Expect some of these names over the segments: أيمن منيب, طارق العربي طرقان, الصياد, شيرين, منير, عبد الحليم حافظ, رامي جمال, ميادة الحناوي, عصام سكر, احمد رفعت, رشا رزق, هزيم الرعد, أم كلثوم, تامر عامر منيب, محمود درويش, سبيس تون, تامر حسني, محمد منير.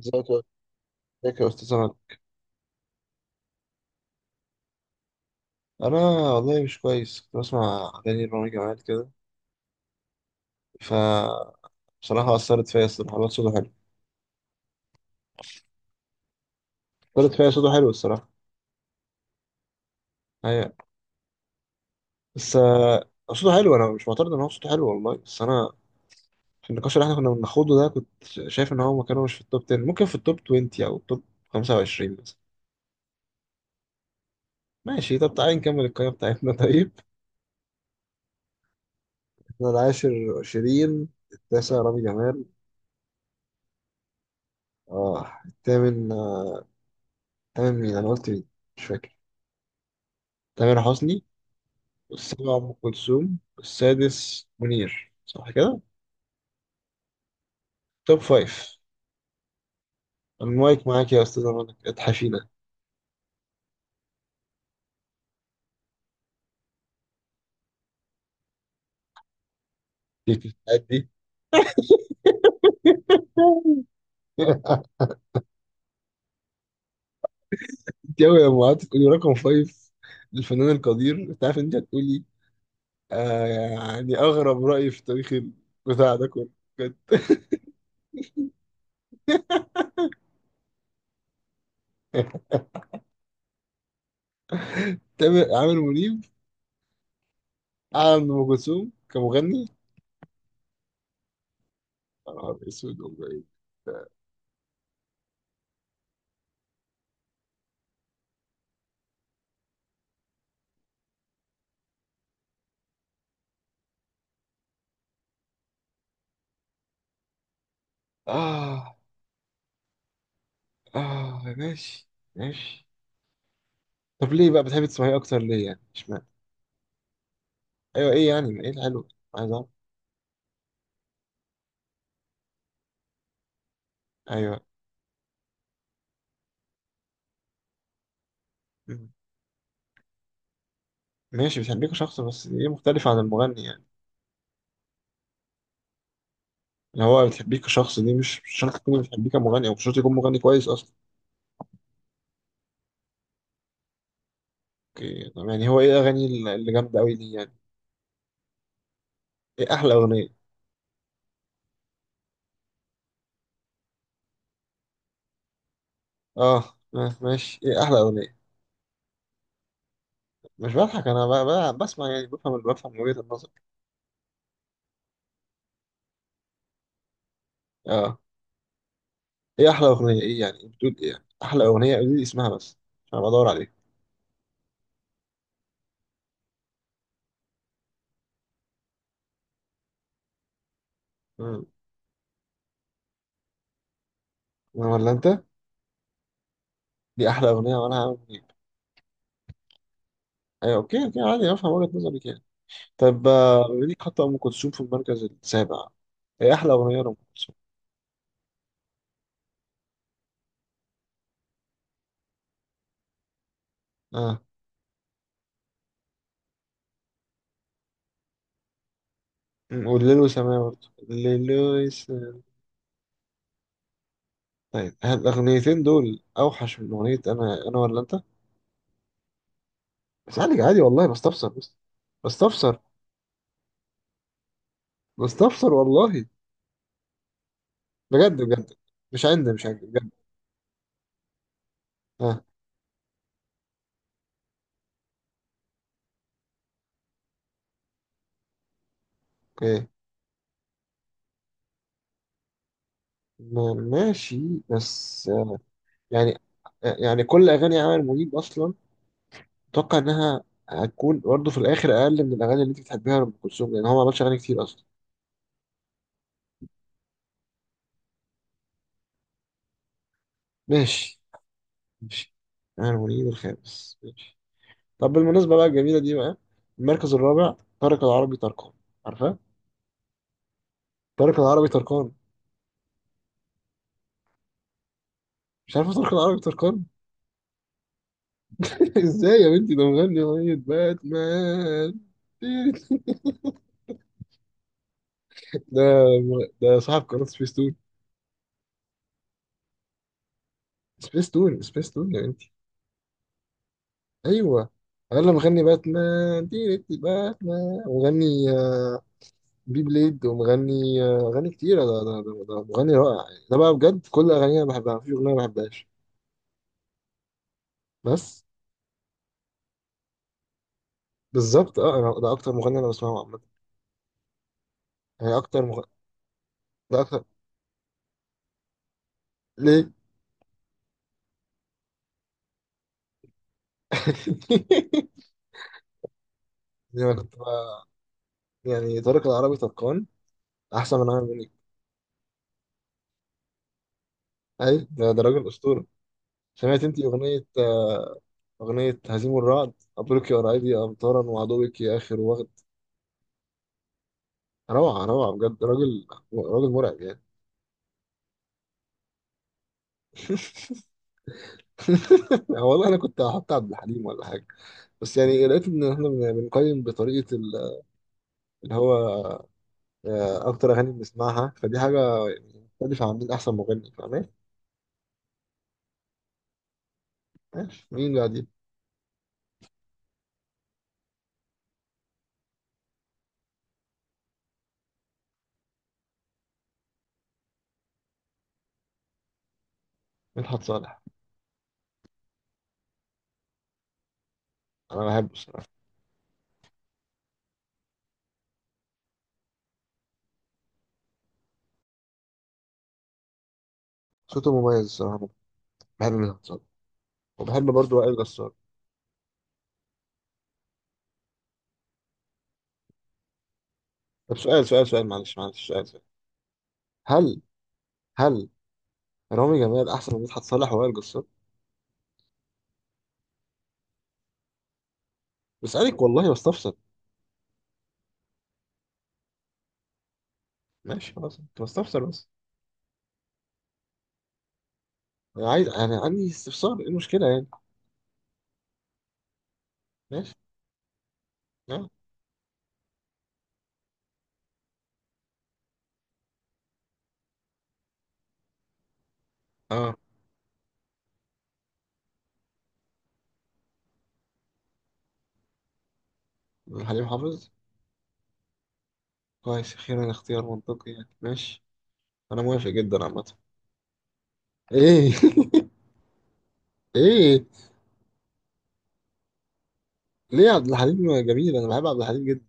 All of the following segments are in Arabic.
ازيك يا ازيك يا استاذ عماد. انا والله مش كويس، كنت بسمع اغاني رامي جمال كده. ف بصراحه اثرت فيا الصراحه، الواد صوته حلو. اثرت فيا صوته حلو الصراحه. هي بس صوته حلو، انا مش معترض ان هو صوته حلو والله، بس انا في النقاش اللي احنا كنا بناخده ده كنت شايف ان هو مكانه مش في التوب 10، ممكن في التوب 20 او التوب 25 مثلا. ماشي، طب تعالى نكمل القائمه بتاعتنا. طيب. احنا العاشر شيرين، التاسع رامي جمال، اه الثامن الثامن مين؟ انا قلت مين؟ مش فاكر. تامر حسني. السابع أم كلثوم، السادس منير، صح كده؟ توب فايف. المايك معاك يا أستاذ منى، اتحفينا. دي انت أوي لما قعدت تقولي رقم فايف للفنان القدير، انت عارف ان انت هتقولي يعني أغرب رأي في تاريخ البتاع ده كله. بجد. عامر منيب أعلى من أم كلثوم كمغني؟ يا نهار أسود، والله إيه. آه آه، ماشي ماشي. طب ليه بقى بتحب تسمعيه أكتر، ليه يعني؟ اشمعنى؟ ايوه، ايه يعني، ايه الحلو، عايز اعرف. ايوه. مم. ماشي، بتحبيه كشخص، بس دي مختلفة عن المغني يعني، اللي هو بتحبيه كشخص دي مش شرط تكون بتحبيه كمغني، او مش شرط يكون مغني كويس اصلا. اوكي، طب يعني هو ايه الاغاني اللي جامدة قوي دي يعني؟ ايه احلى اغنية؟ اه، ماشي، ايه احلى اغنية؟ مش بضحك، انا بسمع يعني، بفهم من وجهة النظر. اه، ايه احلى اغنية؟ ايه يعني، إيه بتقول، ايه يعني احلى اغنية، قولي لي اسمها بس عشان بدور عليها. مم. ولا انت؟ دي احلى اغنية، وانا هعمل ايه؟ ايوه، اوكي اوكي، عادي افهم وجهة نظرك يعني. طب بما انك حاطه ام كلثوم في المركز السابع، ايه احلى اغنيه لام كلثوم؟ اه. والليل وسماه، برضه الليل وسماه. طيب، هل الاغنيتين دول اوحش من اغنيه انا ولا انت؟ اسالك عادي والله، بستفسر بس. بستفسر. بستفسر والله، بجد بجد. مش عند بجد. اه، اوكي، ماشي. بس يعني يعني كل اغاني عامر منيب اصلا اتوقع انها هتكون برضه في الاخر اقل من الاغاني اللي انت بتحبيها لام كلثوم، لان هو ما عملش اغاني كتير اصلا. ماشي ماشي. أنا المريد الخامس، ماشي. طب بالمناسبة بقى، الجميلة دي بقى، المركز الرابع طارق العربي طرقان. عارفة؟ طارق العربي طرقان. مش عارفة طارق العربي طرقان؟ ازاي يا بنتي، ده مغني أغنية باتمان. ده ده صاحب قناة سبيس تون. سبيس تون، سبيس تون يا بنتي. أيوه. أنا مغني باتمان، تيرت باتمان، ومغني بي بليد، ومغني أغاني كتيرة. ده مغني رائع يعني. ده بقى بجد، كل أغانيه أنا بحبها، مفيش أغنية ما بحبهاش. بس بالظبط، اه انا ده اكتر مغني انا بسمعه عامه. يعني اكتر مغني. ده اكتر. ليه؟ يعني انا كنت بقى. يعني طارق العربي طرقان احسن من عامر منيب. اي ده، ده راجل اسطوره. سمعت انت اغنيه هزيم الرعد، مبروك يا قرايبي امطارا، وعدوك يا اخر وغد؟ روعه روعه بجد، راجل مرعب يعني. والله انا كنت هحط عبد الحليم ولا حاجه، بس يعني لقيت ان احنا بنقيم بطريقه اللي هو اكتر اغاني بنسمعها، فدي حاجه مختلفه عن مين احسن مغني، فاهم؟ ماشي، مين بقى دي؟ مدحت صالح. انا بحبه الصراحه، صوته مميز الصراحه. بحب مدحت صالح، وبحب برضه وائل جسار. طب سؤال سؤال، معلش، سؤال. هل هل رامي جمال احسن من مدحت صالح ووائل جسار؟ بسالك والله، بستفسر. ماشي، خلاص، انت بستفسر بس. انا عندي استفسار، ايه المشكله يعني؟ ماشي. اه. اه. حليم حافظ. كويس، اخيرا اختيار منطقي يعني، ماشي، انا موافق جدا عامه. ايه؟ ايه؟ ليه؟ عبد الحليم جميل، انا بحب عبد الحليم جدا.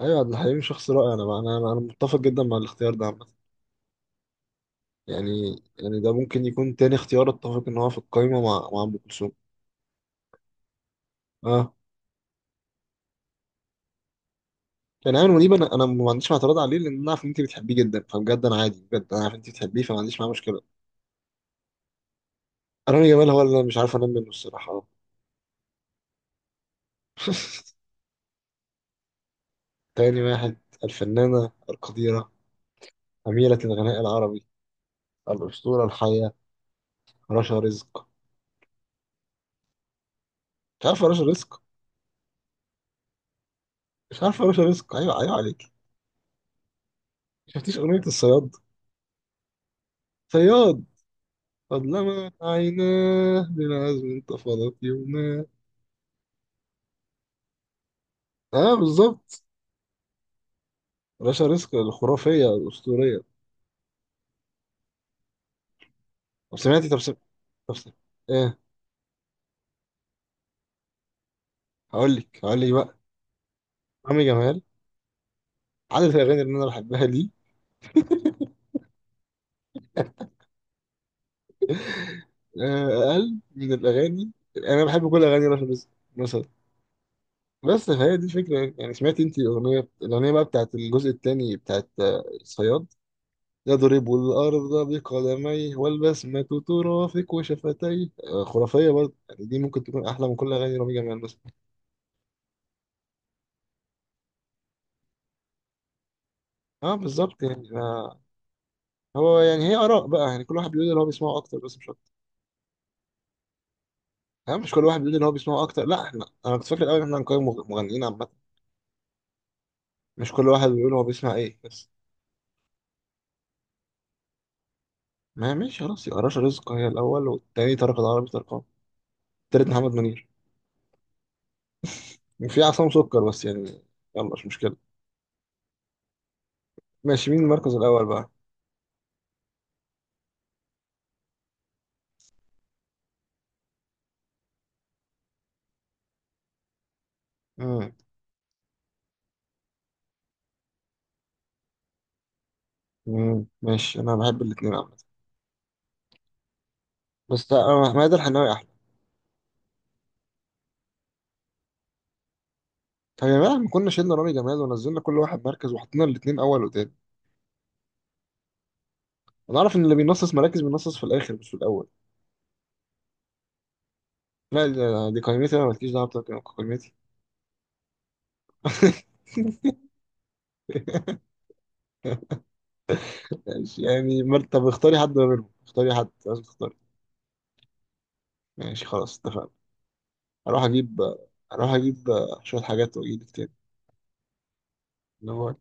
ايوه، عبد الحليم شخص رائع. انا بقى انا انا أنا متفق جدا مع الاختيار ده عامه. يعني ده ممكن يكون تاني اختيار اتفق ان هو في القايمه مع ام كلثوم. اه، يعني ايمن منيب، انا ما عنديش اعتراض عليه، لان انا عارف ان انت بتحبيه جدا، فبجد انا عادي بجد، انا عارف ان انت بتحبيه، فما عنديش معاه مشكله. رامي جمال هو اللي انا مش عارف انام منه الصراحه. تاني واحد. الفنانه القديره، أميرة الغناء العربي، الأسطورة الحية، رشا رزق. مش عارف رشا رزق؟ مش عارف رشا رزق؟ أيوة أيوة عليك. شفتيش أغنية الصياد؟ صياد أظلم عيناه بالعزم انتفضت يوماه. اه بالظبط. رشا رزق الخرافية الأسطورية. طب سمعتي طب سمعتي؟ ايه. هقول لك بقى. عمرو جمال، عدد الأغاني اللي أنا بحبها ليه أقل من الأغاني، يعني أنا بحب كل أغاني رشا رزق مثلا. بس فهي دي الفكرة يعني. سمعتي أنت الأغنية بقى بتاعت الجزء التاني بتاعت الصياد؟ يضرب الأرض بقدميه والبسمة ترافق وشفتيه، خرافية برضه يعني. دي ممكن تكون أحلى من كل أغاني رامي جمال مثلا. اه بالظبط يعني. يعني هي آراء بقى، يعني كل واحد بيقول اللي هو بيسمعه أكتر، بس مش أكتر يعني. مش كل واحد بيقول اللي هو بيسمعه أكتر، لا أنا كنت فاكر الأول إن احنا هنقيم مغنيين عامة، مش كل واحد بيقول هو بيسمع إيه بس. ما هي ماشي، خلاص يبقى رشا رزق هي الأول، والتاني طارق العربي طرقان، التالت محمد منير. في عصام سكر بس يعني، يلا مش مشكلة. ماشي، مين المركز الأول بقى؟ مم. مم. ماشي، أنا بحب الاتنين عامة. بس ميادة الحناوي احلى. طب يا جماعه، ما كنا شلنا رامي جمال ونزلنا كل واحد مركز وحطينا الاثنين اول وتاني؟ انا اعرف ان اللي بينصص مراكز بينصص في الاخر، مش في الاول. لا، دي قيمتي، انا مالكيش دعوه بتاعتك. قيمتي. ماشي يعني، طب اختاري حد ما بينهم، اختاري حد، لازم تختاري. ماشي، خلاص اتفقنا. هروح اجيب هروح اجيب شويه حاجات واجيلك تاني.